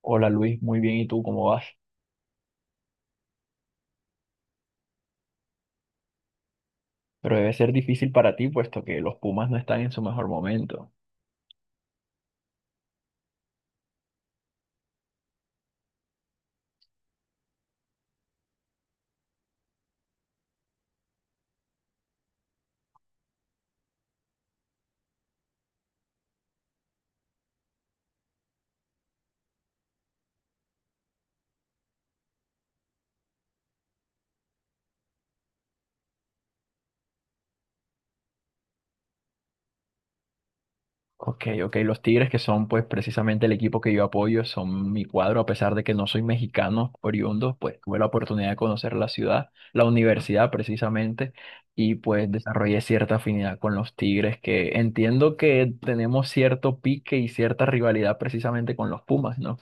Hola Luis, muy bien, ¿y tú cómo vas? Pero debe ser difícil para ti, puesto que los Pumas no están en su mejor momento. Ok, ok, los Tigres, que son pues precisamente el equipo que yo apoyo, son mi cuadro, a pesar de que no soy mexicano oriundo, pues tuve la oportunidad de conocer la ciudad, la universidad precisamente, y pues desarrollé cierta afinidad con los Tigres, que entiendo que tenemos cierto pique y cierta rivalidad precisamente con los Pumas, ¿no?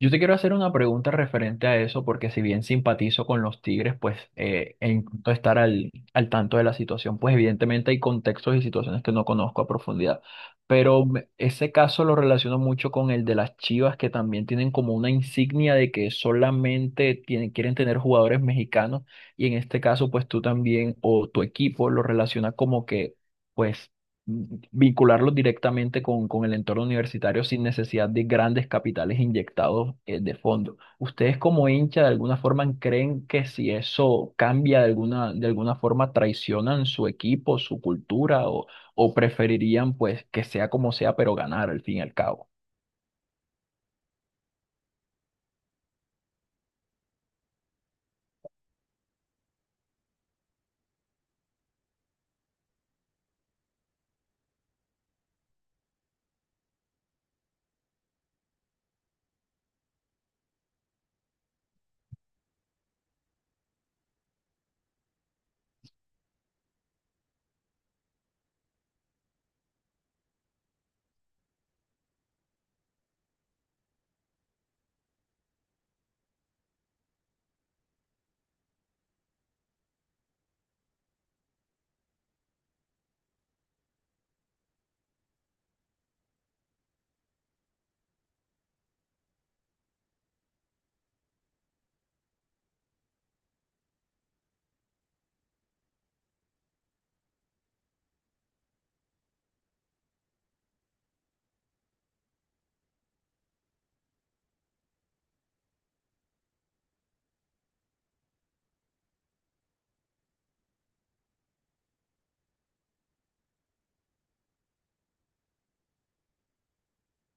Yo te quiero hacer una pregunta referente a eso, porque si bien simpatizo con los Tigres, pues e intento estar al tanto de la situación, pues evidentemente hay contextos y situaciones que no conozco a profundidad, pero ese caso lo relaciono mucho con el de las Chivas, que también tienen como una insignia de que solamente tienen, quieren tener jugadores mexicanos, y en este caso, pues tú también o tu equipo lo relaciona como que... Pues vincularlos directamente con el entorno universitario sin necesidad de grandes capitales inyectados de fondo. ¿Ustedes como hincha de alguna forma creen que si eso cambia de alguna forma traicionan su equipo, su cultura o preferirían pues que sea como sea pero ganar al fin y al cabo?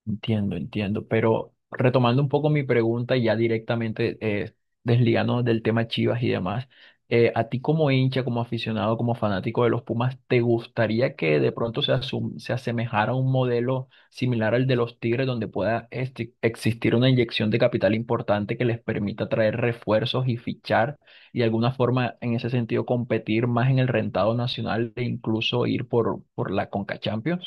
Entiendo, entiendo, pero retomando un poco mi pregunta y ya directamente desligándonos del tema Chivas y demás, a ti como hincha, como aficionado, como fanático de los Pumas, ¿te gustaría que de pronto se asemejara a un modelo similar al de los Tigres donde pueda existir una inyección de capital importante que les permita traer refuerzos y fichar y de alguna forma en ese sentido competir más en el rentado nacional e incluso ir por la Conca Champions?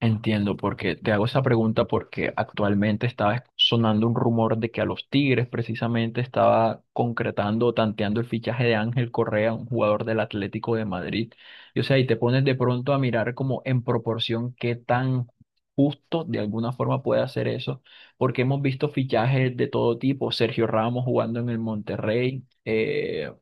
Entiendo, porque te hago esa pregunta porque actualmente estaba sonando un rumor de que a los Tigres precisamente estaba concretando, o tanteando el fichaje de Ángel Correa, un jugador del Atlético de Madrid. Y o sea, y te pones de pronto a mirar como en proporción qué tan justo de alguna forma puede hacer eso, porque hemos visto fichajes de todo tipo, Sergio Ramos jugando en el Monterrey.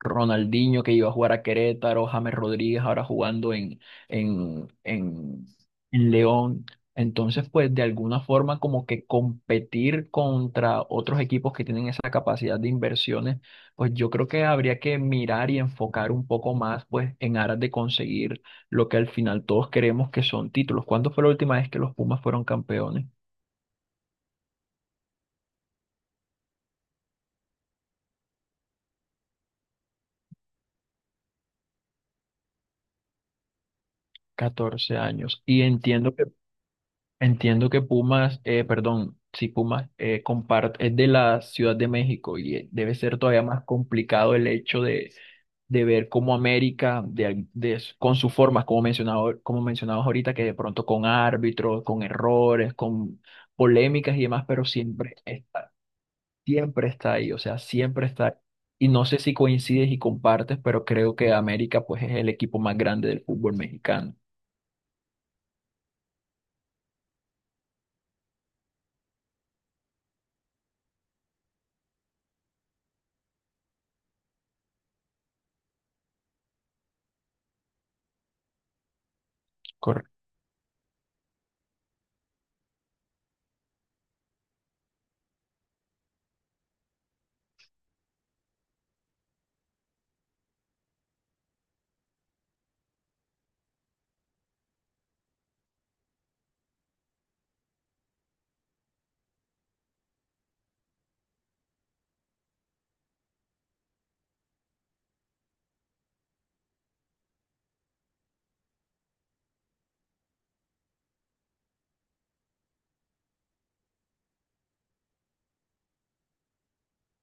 Ronaldinho que iba a jugar a Querétaro, James Rodríguez ahora jugando en, en, en León. Entonces, pues de alguna forma como que competir contra otros equipos que tienen esa capacidad de inversiones, pues yo creo que habría que mirar y enfocar un poco más pues en aras de conseguir lo que al final todos queremos que son títulos. ¿Cuándo fue la última vez que los Pumas fueron campeones? 14 años. Y entiendo que Entiendo que Pumas, perdón, si Pumas comparte, es de la Ciudad de México y debe ser todavía más complicado el hecho de ver cómo América, de, al- de- con sus formas, como mencionado, como mencionabas ahorita, que de pronto con árbitros, con errores, con polémicas y demás, pero siempre está ahí, o sea, siempre está. Y no sé si coincides y compartes, pero creo que América pues es el equipo más grande del fútbol mexicano.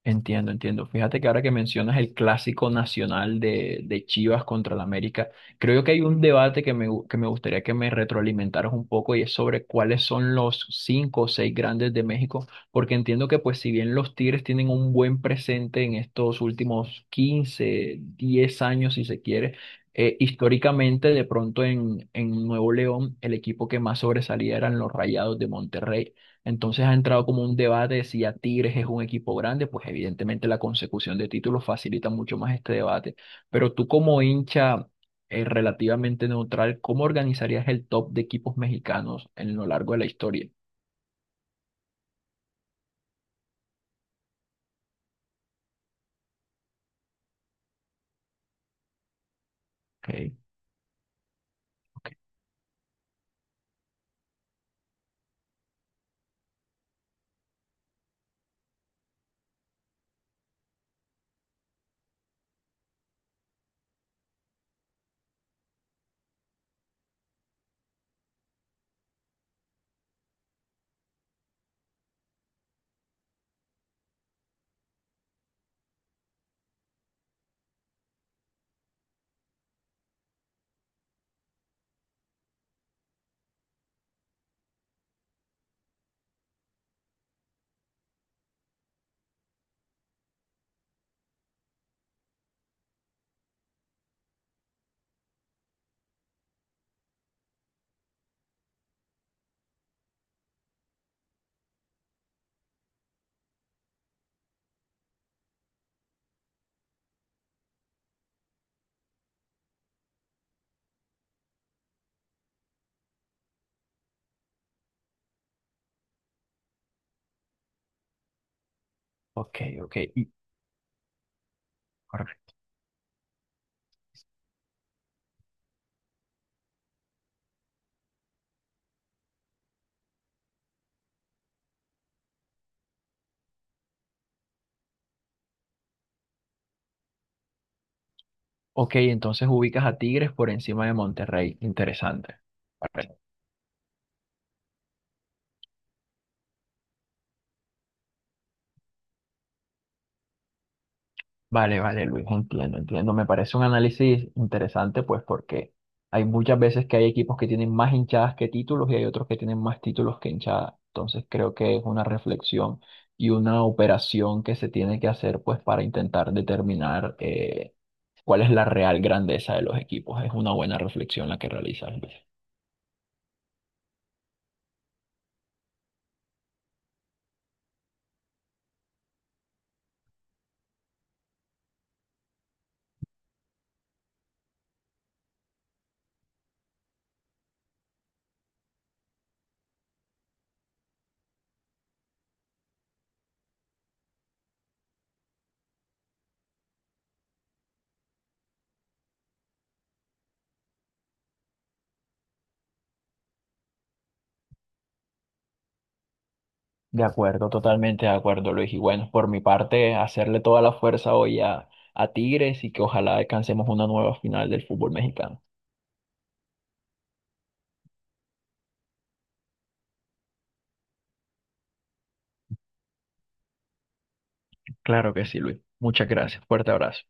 Entiendo, entiendo. Fíjate que ahora que mencionas el clásico nacional de Chivas contra el América, creo que hay un debate que me gustaría que me retroalimentaras un poco y es sobre cuáles son los cinco o seis grandes de México, porque entiendo que pues si bien los Tigres tienen un buen presente en estos últimos 15, 10 años si se quiere, históricamente de pronto en Nuevo León el equipo que más sobresalía eran los Rayados de Monterrey. Entonces ha entrado como un debate de si ya Tigres es un equipo grande, pues evidentemente la consecución de títulos facilita mucho más este debate. Pero tú como hincha relativamente neutral, ¿cómo organizarías el top de equipos mexicanos en lo largo de la historia? Ok, ok, ok, ok. Correcto. Ok, entonces ubicas a Tigres por encima de Monterrey. Interesante. Vale, vale, Luis, entiendo, entiendo. Me parece un análisis interesante, pues porque hay muchas veces que hay equipos que tienen más hinchadas que títulos y hay otros que tienen más títulos que hinchadas. Entonces creo que es una reflexión y una operación que se tiene que hacer, pues para intentar determinar cuál es la real grandeza de los equipos. Es una buena reflexión la que realizas, Luis. De acuerdo, totalmente de acuerdo, Luis. Y bueno, por mi parte, hacerle toda la fuerza hoy a Tigres y que ojalá alcancemos una nueva final del fútbol mexicano. Claro que sí, Luis. Muchas gracias. Fuerte abrazo.